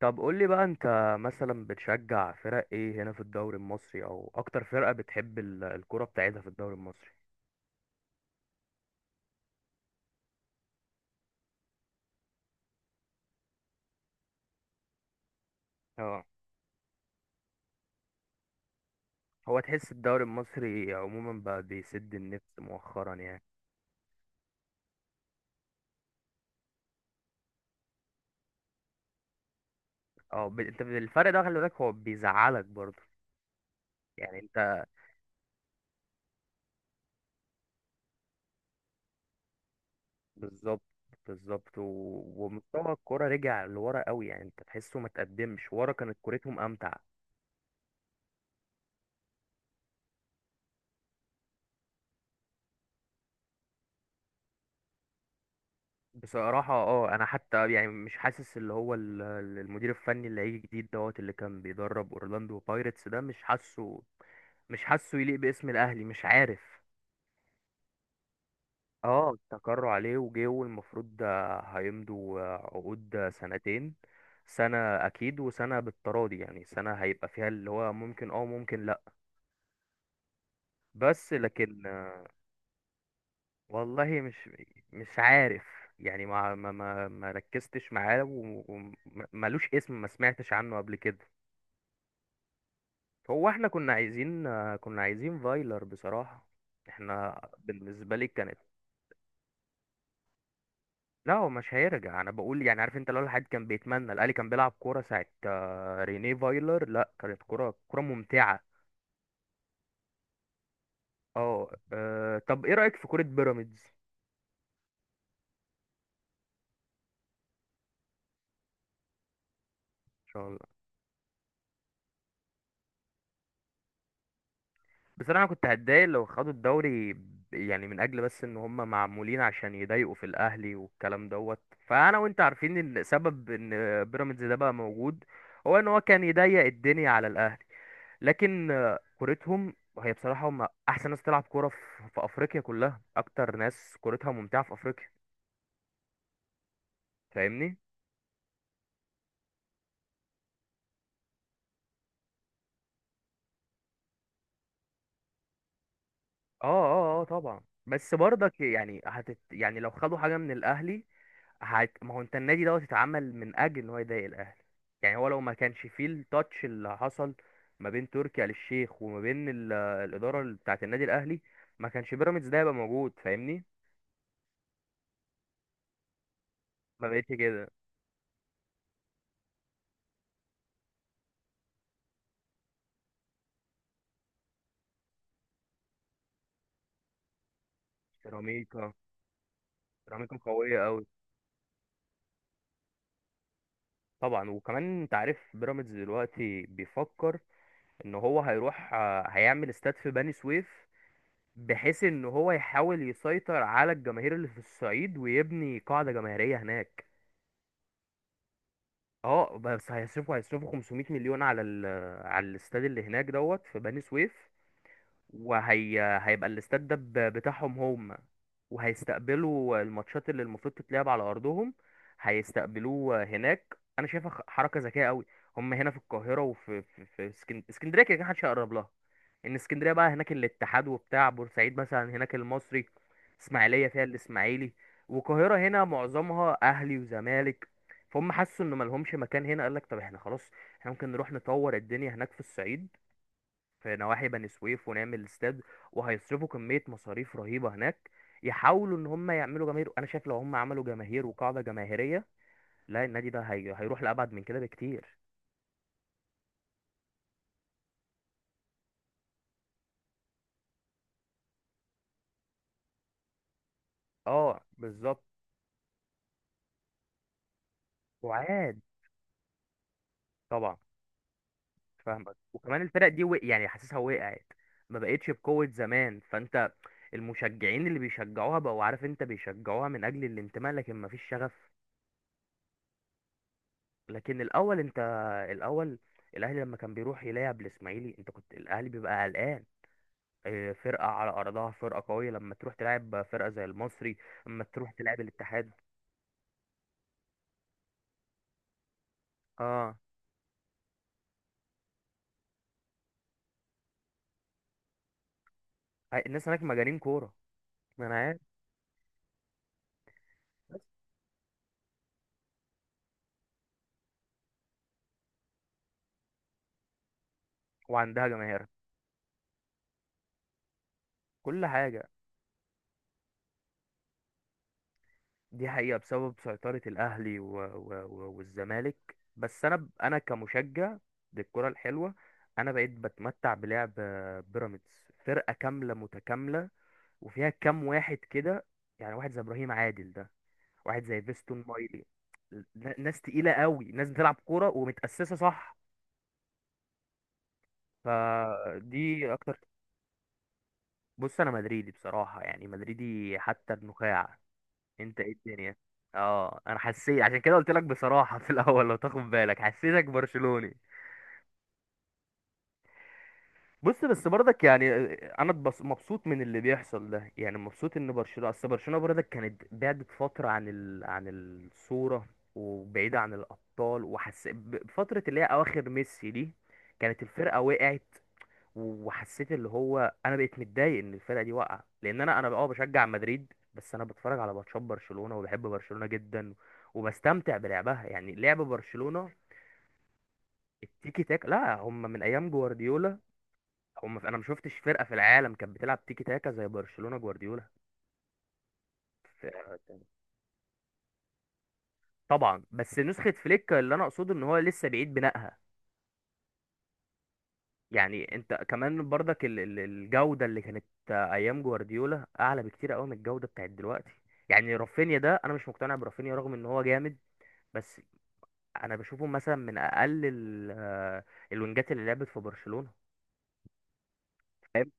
طب قول لي بقى انت مثلا بتشجع فرق ايه هنا في الدوري المصري او اكتر فرقة بتحب الكرة بتاعتها في الدوري المصري. اه، هو تحس الدوري المصري عموما بقى بيسد النفس مؤخرا يعني؟ انت الفرق ده خلي بالك هو بيزعلك برضه؟ يعني انت، بالظبط، بالظبط. ومستوى الكرة رجع لورا قوي، يعني انت تحسه ما تقدمش ورا كانت كورتهم امتع. بصراحة اه، انا حتى يعني مش حاسس اللي هو المدير الفني اللي هيجي جديد دوت، اللي كان بيدرب اورلاندو بايرتس ده، مش حاسه مش حاسه يليق باسم الاهلي، مش عارف. اه، استقروا عليه وجه، والمفروض ده هيمضوا عقود سنتين، سنة اكيد وسنة بالتراضي، يعني سنة هيبقى فيها اللي هو ممكن اه ممكن لا. بس لكن، والله مش عارف. يعني ما ركزتش معاه، وملوش اسم، ما سمعتش عنه قبل كده. هو احنا كنا عايزين، كنا عايزين فايلر بصراحة. احنا بالنسبة لي كانت، لا هو مش هيرجع، انا بقول يعني عارف انت لو الواحد كان بيتمنى الاهلي كان بيلعب كورة ساعة رينيه فايلر، لا كانت كورة ممتعة. اه. طب ايه رأيك في كورة بيراميدز؟ ان شاء الله. بصراحة انا كنت هتضايق لو خدوا الدوري يعني من اجل بس ان هم معمولين عشان يضايقوا في الاهلي والكلام دوت، فانا وانت عارفين ان سبب ان بيراميدز ده بقى موجود هو ان هو كان يضيق الدنيا على الاهلي. لكن كورتهم هي بصراحة، هم أحسن ناس تلعب كورة في أفريقيا كلها، أكتر ناس كورتها ممتعة في أفريقيا. فاهمني؟ اه طبعا. بس برضك يعني يعني لو خدوا حاجة من الأهلي، ما هو أنت، النادي دوت اتعمل من أجل إن هو يضايق الأهلي. يعني هو لو ما كانش فيه التاتش اللي حصل ما بين تركي آل الشيخ وما بين الإدارة بتاعة النادي الأهلي، ما كانش بيراميدز ده هيبقى موجود، فاهمني؟ ما بقتش كده. سيراميكا، سيراميكا قوية أوي. طبعا، وكمان انت عارف بيراميدز دلوقتي بيفكر ان هو هيروح هيعمل استاد في بني سويف، بحيث ان هو يحاول يسيطر على الجماهير اللي في الصعيد ويبني قاعدة جماهيرية هناك. اه، بس هيصرفوا 500 مليون على ال... آه، على الاستاد اللي هناك دوت، في بني سويف. وهي هيبقى الاستاد ده بتاعهم هم، وهيستقبلوا الماتشات اللي المفروض تتلعب على ارضهم، هيستقبلوه هناك. انا شايفها حركه ذكيه قوي. هم هنا في القاهره، وفي اسكندريه كده كده محدش هيقرب لها. ان اسكندريه بقى هناك الاتحاد، وبتاع بورسعيد مثلا هناك المصري، اسماعيليه فيها الاسماعيلي، والقاهره هنا معظمها اهلي وزمالك. فهم حسوا انه ملهمش مكان هنا، قال لك طب احنا خلاص، احنا ممكن نروح نطور الدنيا هناك في الصعيد، في نواحي بني سويف، ونعمل استاد. وهيصرفوا كمية مصاريف رهيبة هناك، يحاولوا ان هم يعملوا جماهير. انا شايف لو هم عملوا جماهير وقاعدة جماهيرية، لا النادي ده هيروح لأبعد من كده بكتير. اه بالظبط. وعاد، طبعا. فاهمك. وكمان الفرق دي يعني حاسسها وقعت، ما بقتش بقوة زمان. فانت المشجعين اللي بيشجعوها بقوا، عارف انت، بيشجعوها من اجل الانتماء، لكن ما فيش شغف. لكن الاول انت، الاول الاهلي لما كان بيروح يلعب الاسماعيلي، انت كنت الاهلي بيبقى قلقان. فرقة على أرضها فرقة قوية، لما تروح تلعب فرقة زي المصري، لما تروح تلعب الاتحاد. اه، الناس هناك مجانين كورة، ما أنا عارف. بس، وعندها جماهير، كل حاجة. دي حقيقة، بسبب سيطرة الأهلي و والزمالك بس أنا أنا كمشجع للكرة الحلوة، أنا بقيت بتمتع بلعب بيراميدز، فرقة كاملة متكاملة، وفيها كام واحد كده، يعني واحد زي إبراهيم عادل ده، واحد زي فيستون مايلي. ناس تقيلة قوي، ناس بتلعب كورة ومتأسسة صح. فدي أكتر. بص، أنا مدريدي بصراحة، يعني مدريدي حتى النخاع. أنت إيه الدنيا؟ أه، أنا حسيت عشان كده قلت لك بصراحة في الأول، لو تاخد بالك حسيتك برشلوني. بص بس برضك يعني انا مبسوط من اللي بيحصل ده، يعني مبسوط ان برشلونه، اصل برشلونه برضك كانت بعدت فتره عن عن الصوره، وبعيده عن الابطال، وحس فتره اللي هي اواخر ميسي دي كانت الفرقه وقعت. وحسيت اللي هو انا بقيت متضايق ان الفرقه دي واقعه، لان انا بشجع مدريد، بس انا بتفرج على ماتشات برشلونه وبحب برشلونه جدا، وبستمتع بلعبها يعني لعب برشلونه. التيكي تاك لا هم من ايام جوارديولا، هم انا ما شفتش فرقه في العالم كانت بتلعب تيكي تاكا زي برشلونه جوارديولا. ف- طبعا، بس نسخه فليك اللي انا اقصده ان هو لسه بعيد بنائها. يعني انت كمان برضك الجوده اللي كانت ايام جوارديولا اعلى بكتير قوي من الجوده بتاعت دلوقتي. يعني رافينيا ده، انا مش مقتنع برافينيا رغم ان هو جامد، بس انا بشوفه مثلا من اقل الوينجات اللي لعبت في برشلونه. فاهم.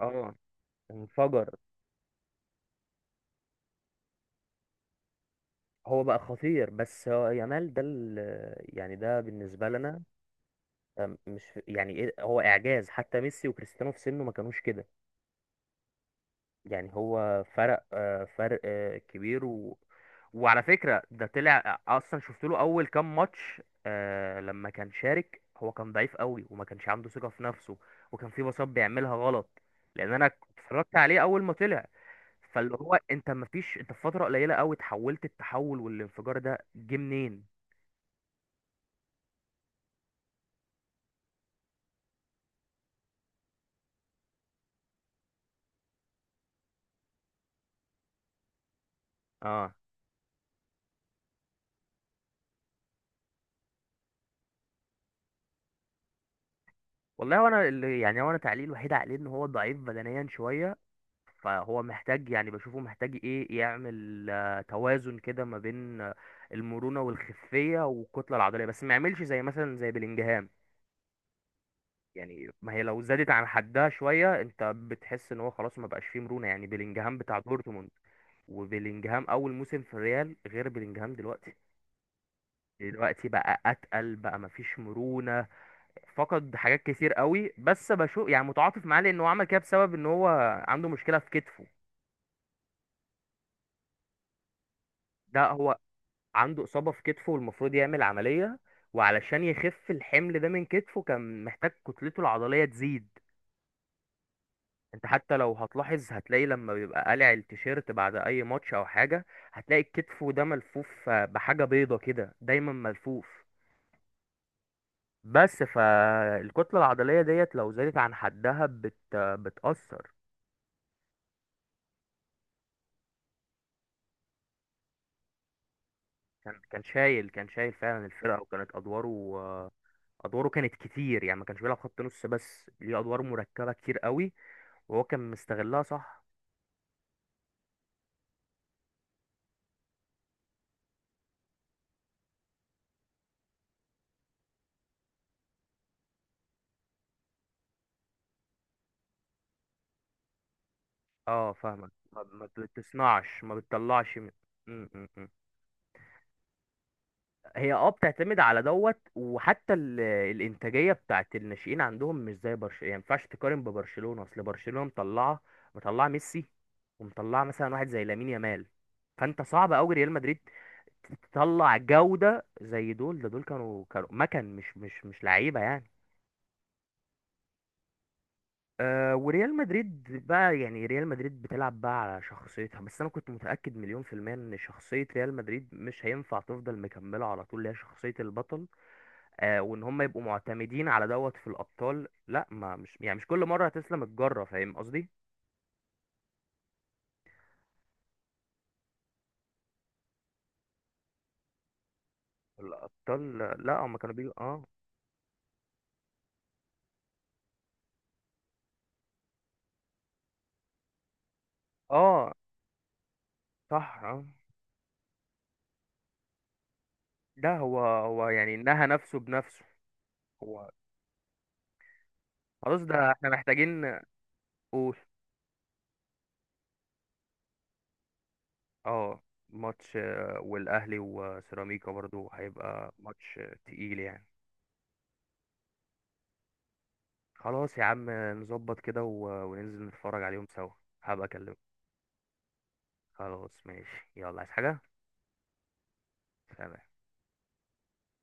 اه، انفجر. هو بقى خطير. بس هو يامال ده يعني ده بالنسبه لنا مش يعني ايه، هو اعجاز. حتى ميسي وكريستيانو في سنه ما كانوش كده. يعني هو فرق كبير. وعلى فكرة ده طلع، اصلا شفت له اول كام ماتش لما كان شارك، هو كان ضعيف قوي وما كانش عنده ثقة في نفسه، وكان في باصات بيعملها غلط، لان انا اتفرجت عليه اول ما طلع. فاللي هو انت ما فيش، انت في فترة قليلة قوي تحولت، التحول والانفجار ده جه منين؟ اه والله، وانا اللي يعني، وانا تعليق الوحيد عليه ان هو ضعيف بدنيا شوية، فهو محتاج، يعني بشوفه محتاج ايه، يعمل توازن كده ما بين المرونة والخفية والكتلة العضلية، بس ما يعملش زي مثلا زي بلينجهام، يعني ما هي لو زادت عن حدها شوية انت بتحس ان هو خلاص ما بقاش فيه مرونة. يعني بلينجهام بتاع دورتموند وبلينجهام اول موسم في الريال غير بلينجهام دلوقتي. دلوقتي بقى اتقل بقى، ما فيش مرونة، فقد حاجات كتير قوي. بس بشوف يعني متعاطف معاه، لان هو عمل كده بسبب ان هو عنده مشكلة في كتفه. ده هو عنده إصابة في كتفه، والمفروض يعمل عملية، وعلشان يخف الحمل ده من كتفه كان محتاج كتلته العضلية تزيد. انت حتى لو هتلاحظ، هتلاقي لما بيبقى قالع التيشيرت بعد اي ماتش او حاجة، هتلاقي كتفه ده ملفوف بحاجة بيضة كده دايما ملفوف. بس فالكتلة العضلية ديت لو زادت عن حدها بتأثر. كان شايل فعلا الفرقة، وكانت أدواره آه، أدواره كانت كتير، يعني ما كانش بيلعب خط نص بس، ليه أدوار مركبة كتير قوي، وهو كان مستغلها صح. اه فاهمك. ما ما بتصنعش ما بتطلعش من... م- م- م. هي اه بتعتمد على دوت. وحتى الانتاجيه بتاعت الناشئين عندهم مش زي برشلونه، يعني ما ينفعش تقارن ببرشلونه. اصل برشلونه مطلعه ميسي، ومطلعه مثلا واحد زي لامين يامال. فانت صعب قوي ريال مدريد تطلع جوده زي دول. ده دول كانوا كانوا مكن مش مش مش لعيبه يعني. آه، وريال مدريد بقى، يعني ريال مدريد بتلعب بقى على شخصيتها. بس انا كنت متأكد مليون في المية ان شخصية ريال مدريد مش هينفع تفضل مكملة على طول، اللي هي شخصية البطل. آه، وان هم يبقوا معتمدين على دوت في الابطال، لا ما مش، يعني مش كل مرة هتسلم الجرة، فاهم قصدي. الابطال، لا هم كانوا بيجوا اه. اه صح اه. ده هو، هو يعني نهى نفسه بنفسه. هو خلاص، ده احنا محتاجين. قول. اه، ماتش والاهلي وسيراميكا برضو هيبقى ماتش تقيل يعني. خلاص يا عم، نظبط كده وننزل نتفرج عليهم سوا، هبقى اكلمك. خلاص ماشي، يلا عايز حاجة؟ سلام.